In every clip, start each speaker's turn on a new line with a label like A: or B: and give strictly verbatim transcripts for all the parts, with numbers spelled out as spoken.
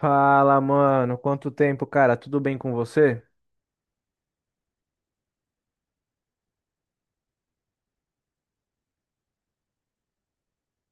A: Fala, mano. Quanto tempo, cara? Tudo bem com você?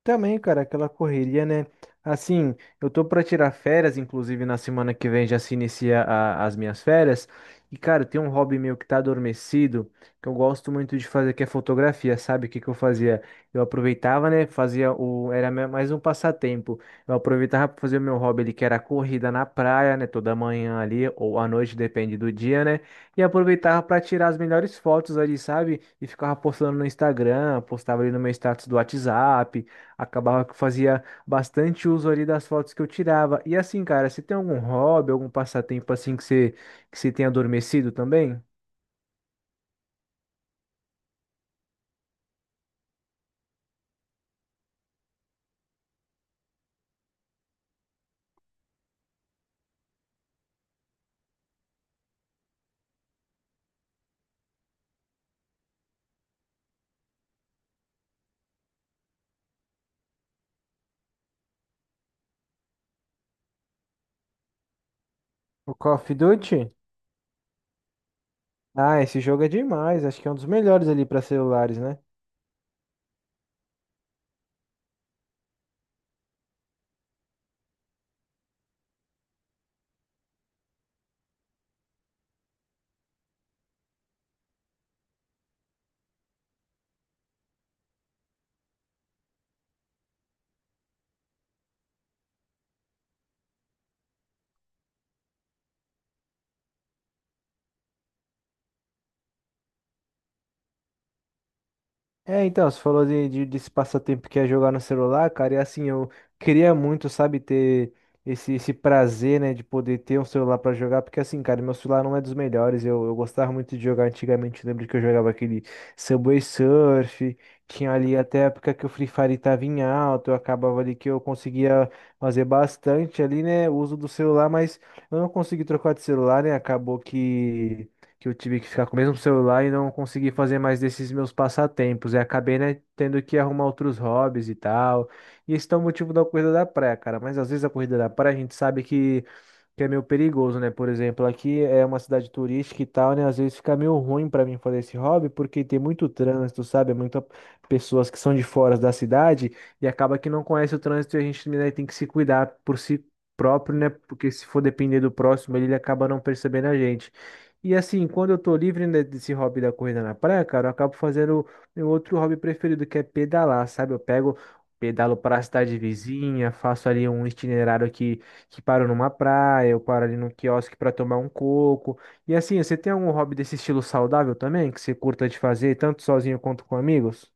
A: Também, cara, aquela correria, né? Assim, eu tô pra tirar férias, inclusive na semana que vem já se inicia a- as minhas férias. E, cara, tem um hobby meu que tá adormecido, que eu gosto muito de fazer, que é fotografia, sabe? O que que eu fazia? Eu aproveitava, né? Fazia o. Era me- mais um passatempo. Eu aproveitava pra fazer o meu hobby ali, que era a corrida na praia, né? Toda manhã ali, ou à noite, depende do dia, né? E aproveitava pra tirar as melhores fotos ali, sabe? E ficava postando no Instagram, postava ali no meu status do WhatsApp. Acabava que fazia bastante uso ali das fotos que eu tirava. E assim, cara, você tem algum hobby, algum passatempo assim que você, que você tenha adormecido também? O Call of Duty? Ah, esse jogo é demais. Acho que é um dos melhores ali para celulares, né? É, então, você falou de, de, desse passatempo que é jogar no celular, cara, e assim, eu queria muito, sabe, ter esse, esse prazer, né, de poder ter um celular pra jogar, porque assim, cara, meu celular não é dos melhores, eu, eu gostava muito de jogar antigamente, lembro que eu jogava aquele Subway Surf, tinha ali até a época que o Free Fire tava em alta, eu acabava ali que eu conseguia fazer bastante ali, né, uso do celular, mas eu não consegui trocar de celular, né, acabou que que eu tive que ficar com o mesmo celular e não consegui fazer mais desses meus passatempos. E acabei, né, tendo que arrumar outros hobbies e tal. E esse é o motivo da corrida da praia, cara. Mas às vezes a corrida da praia a gente sabe que que é meio perigoso, né? Por exemplo, aqui é uma cidade turística e tal, né? Às vezes fica meio ruim pra mim fazer esse hobby porque tem muito trânsito, sabe? É muita pessoas que são de fora da cidade e acaba que não conhece o trânsito e a gente, né, tem que se cuidar por si próprio, né? Porque se for depender do próximo, ele acaba não percebendo a gente. E assim, quando eu tô livre, né, desse hobby da corrida na praia, cara, eu acabo fazendo meu outro hobby preferido, que é pedalar, sabe? Eu pego, pedalo para a cidade vizinha, faço ali um itinerário aqui que paro numa praia, eu paro ali num quiosque para tomar um coco. E assim, você tem algum hobby desse estilo saudável também, que você curta de fazer, tanto sozinho quanto com amigos?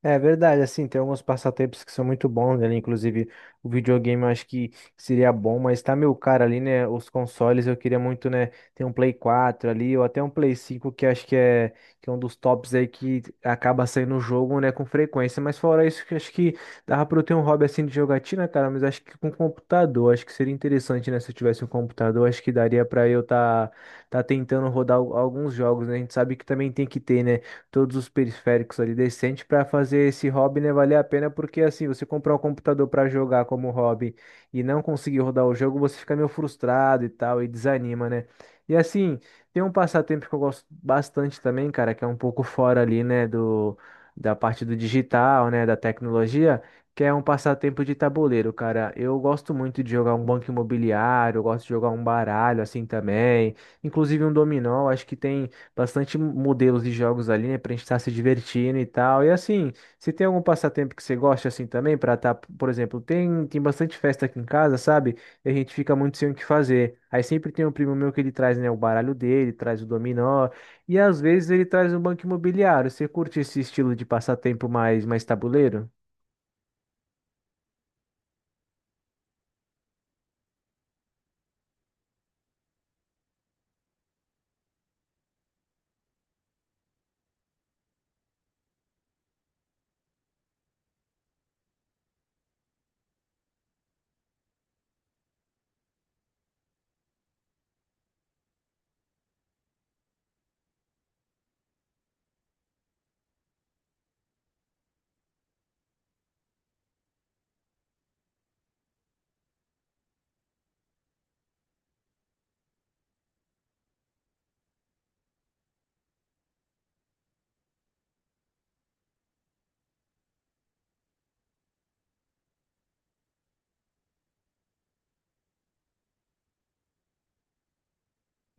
A: É verdade, assim, tem alguns passatempos que são muito bons, né? Inclusive, o videogame eu acho que seria bom, mas tá meu caro ali, né? Os consoles eu queria muito, né? Ter um Play quatro ali, ou até um Play cinco, que acho que é, que é um dos tops aí que acaba saindo o jogo, né? Com frequência. Mas fora isso, que acho que dava pra eu ter um hobby assim de jogatina, cara, mas acho que com computador, acho que seria interessante, né? Se eu tivesse um computador, acho que daria pra eu tá, tá tentando rodar al- alguns jogos, né? A gente sabe que também tem que ter, né? todos os periféricos ali decente para fazer esse hobby, né, valer a pena, porque assim, você comprar um computador para jogar como hobby e não conseguir rodar o jogo, você fica meio frustrado e tal, e desanima, né? E assim, tem um passatempo que eu gosto bastante também, cara, que é um pouco fora ali, né, do, da parte do digital, né, da tecnologia, que é um passatempo de tabuleiro, cara. Eu gosto muito de jogar um banco imobiliário, eu gosto de jogar um baralho assim também, inclusive um dominó, acho que tem bastante modelos de jogos ali, né, pra gente estar se divertindo e tal. E assim, se tem algum passatempo que você gosta assim também pra estar por exemplo, tem tem bastante festa aqui em casa, sabe? E a gente fica muito sem o que fazer. Aí sempre tem um primo meu que ele traz, né, o baralho dele, traz o dominó, e às vezes ele traz um banco imobiliário. Você curte esse estilo de passatempo mais mais tabuleiro?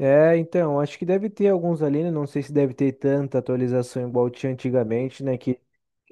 A: É, então, acho que deve ter alguns ali, né? Não sei se deve ter tanta atualização igual tinha antigamente, né? que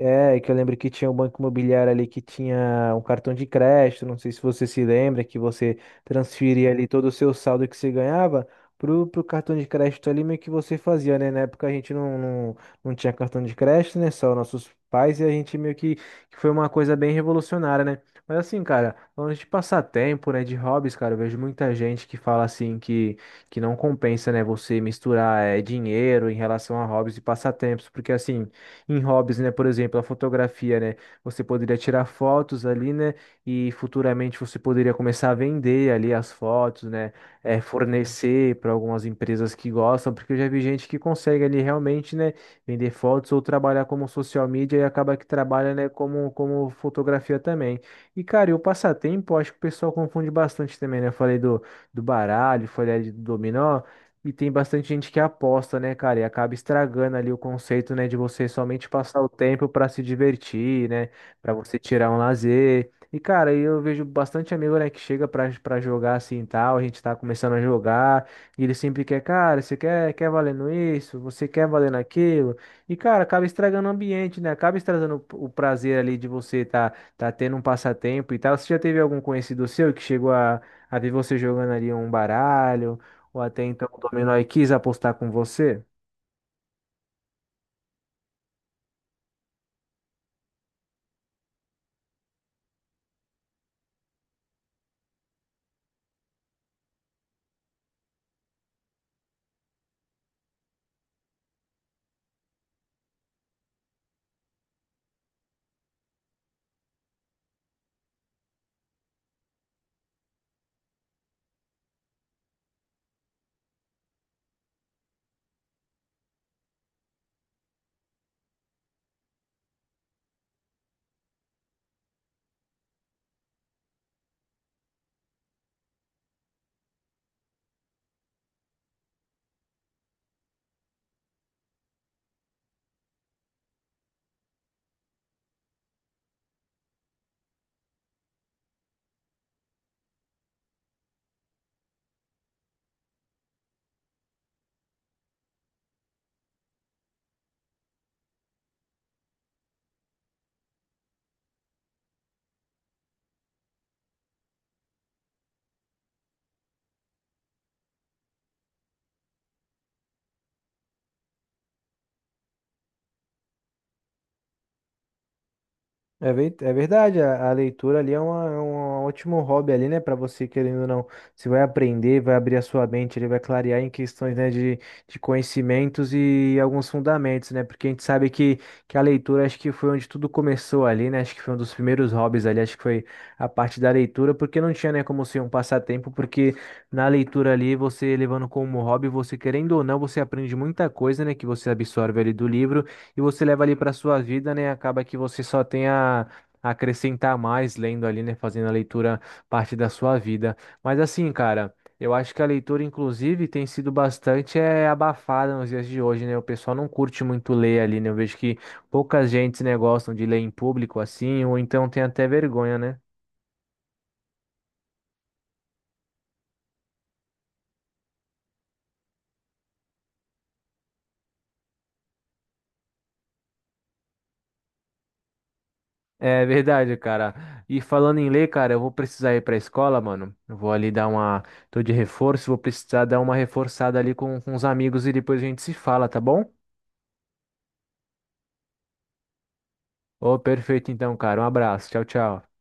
A: É, que eu lembro que tinha um banco imobiliário ali que tinha um cartão de crédito, não sei se você se lembra, que você transferia ali todo o seu saldo que você ganhava pro, pro cartão de crédito ali, meio que você fazia, né? Na época a gente não, não, não tinha cartão de crédito, né? Só nossos pais e a gente meio que, que foi uma coisa bem revolucionária, né? Mas assim, cara, falando de passatempo, né, de hobbies, cara, eu vejo muita gente que fala assim que, que não compensa, né, você misturar eh, dinheiro em relação a hobbies e passatempos, porque assim em hobbies, né? Por exemplo, a fotografia, né? Você poderia tirar fotos ali, né? E futuramente você poderia começar a vender ali as fotos, né? eh, fornecer para algumas empresas que gostam, porque eu já vi gente que consegue ali realmente, né? Vender fotos ou trabalhar como social media e acaba que trabalha, né? Como, como fotografia também. E, cara, e o passatempo, eu acho que o pessoal confunde bastante também, né? Eu falei do, do baralho, falei ali do dominó. E tem bastante gente que aposta, né, cara? E acaba estragando ali o conceito, né, de você somente passar o tempo pra se divertir, né? Pra você tirar um lazer. E, cara, aí eu vejo bastante amigo, né, que chega pra, pra jogar assim e tal. A gente tá começando a jogar. E ele sempre quer, cara, você quer, quer valendo isso? Você quer valendo aquilo? E, cara, acaba estragando o ambiente, né? Acaba estragando o o prazer ali de você tá, tá tendo um passatempo e tal. Você já teve algum conhecido seu que chegou a, a ver você jogando ali um baralho? Ou até então o Dominó e quis apostar com você. É, vei- é verdade, a, a leitura ali é, uma, é um ótimo hobby ali, né? Para você, querendo ou não, você vai aprender, vai abrir a sua mente, ele vai clarear em questões, né, de, de conhecimentos e alguns fundamentos, né? Porque a gente sabe que, que a leitura acho que foi onde tudo começou ali, né? Acho que foi um dos primeiros hobbies ali, acho que foi a parte da leitura, porque não tinha, né, como ser um passatempo, porque na leitura ali, você levando como hobby, você querendo ou não, você aprende muita coisa, né, que você absorve ali do livro. E você leva ali para sua vida, né? Acaba que você só tem a a acrescentar mais lendo ali, né? Fazendo a leitura parte da sua vida. Mas assim, cara. Eu acho que a leitura, inclusive, tem sido bastante é, abafada nos dias de hoje, né? O pessoal não curte muito ler ali, né? Eu vejo que poucas gentes, né, gostam de ler em público assim, ou então tem até vergonha, né? É verdade, cara. E falando em ler, cara, eu vou precisar ir pra escola, mano. Eu vou ali dar uma. Tô de reforço, vou precisar dar uma reforçada ali com, com os amigos e depois a gente se fala, tá bom? Ô, perfeito então, cara. Um abraço. Tchau, tchau.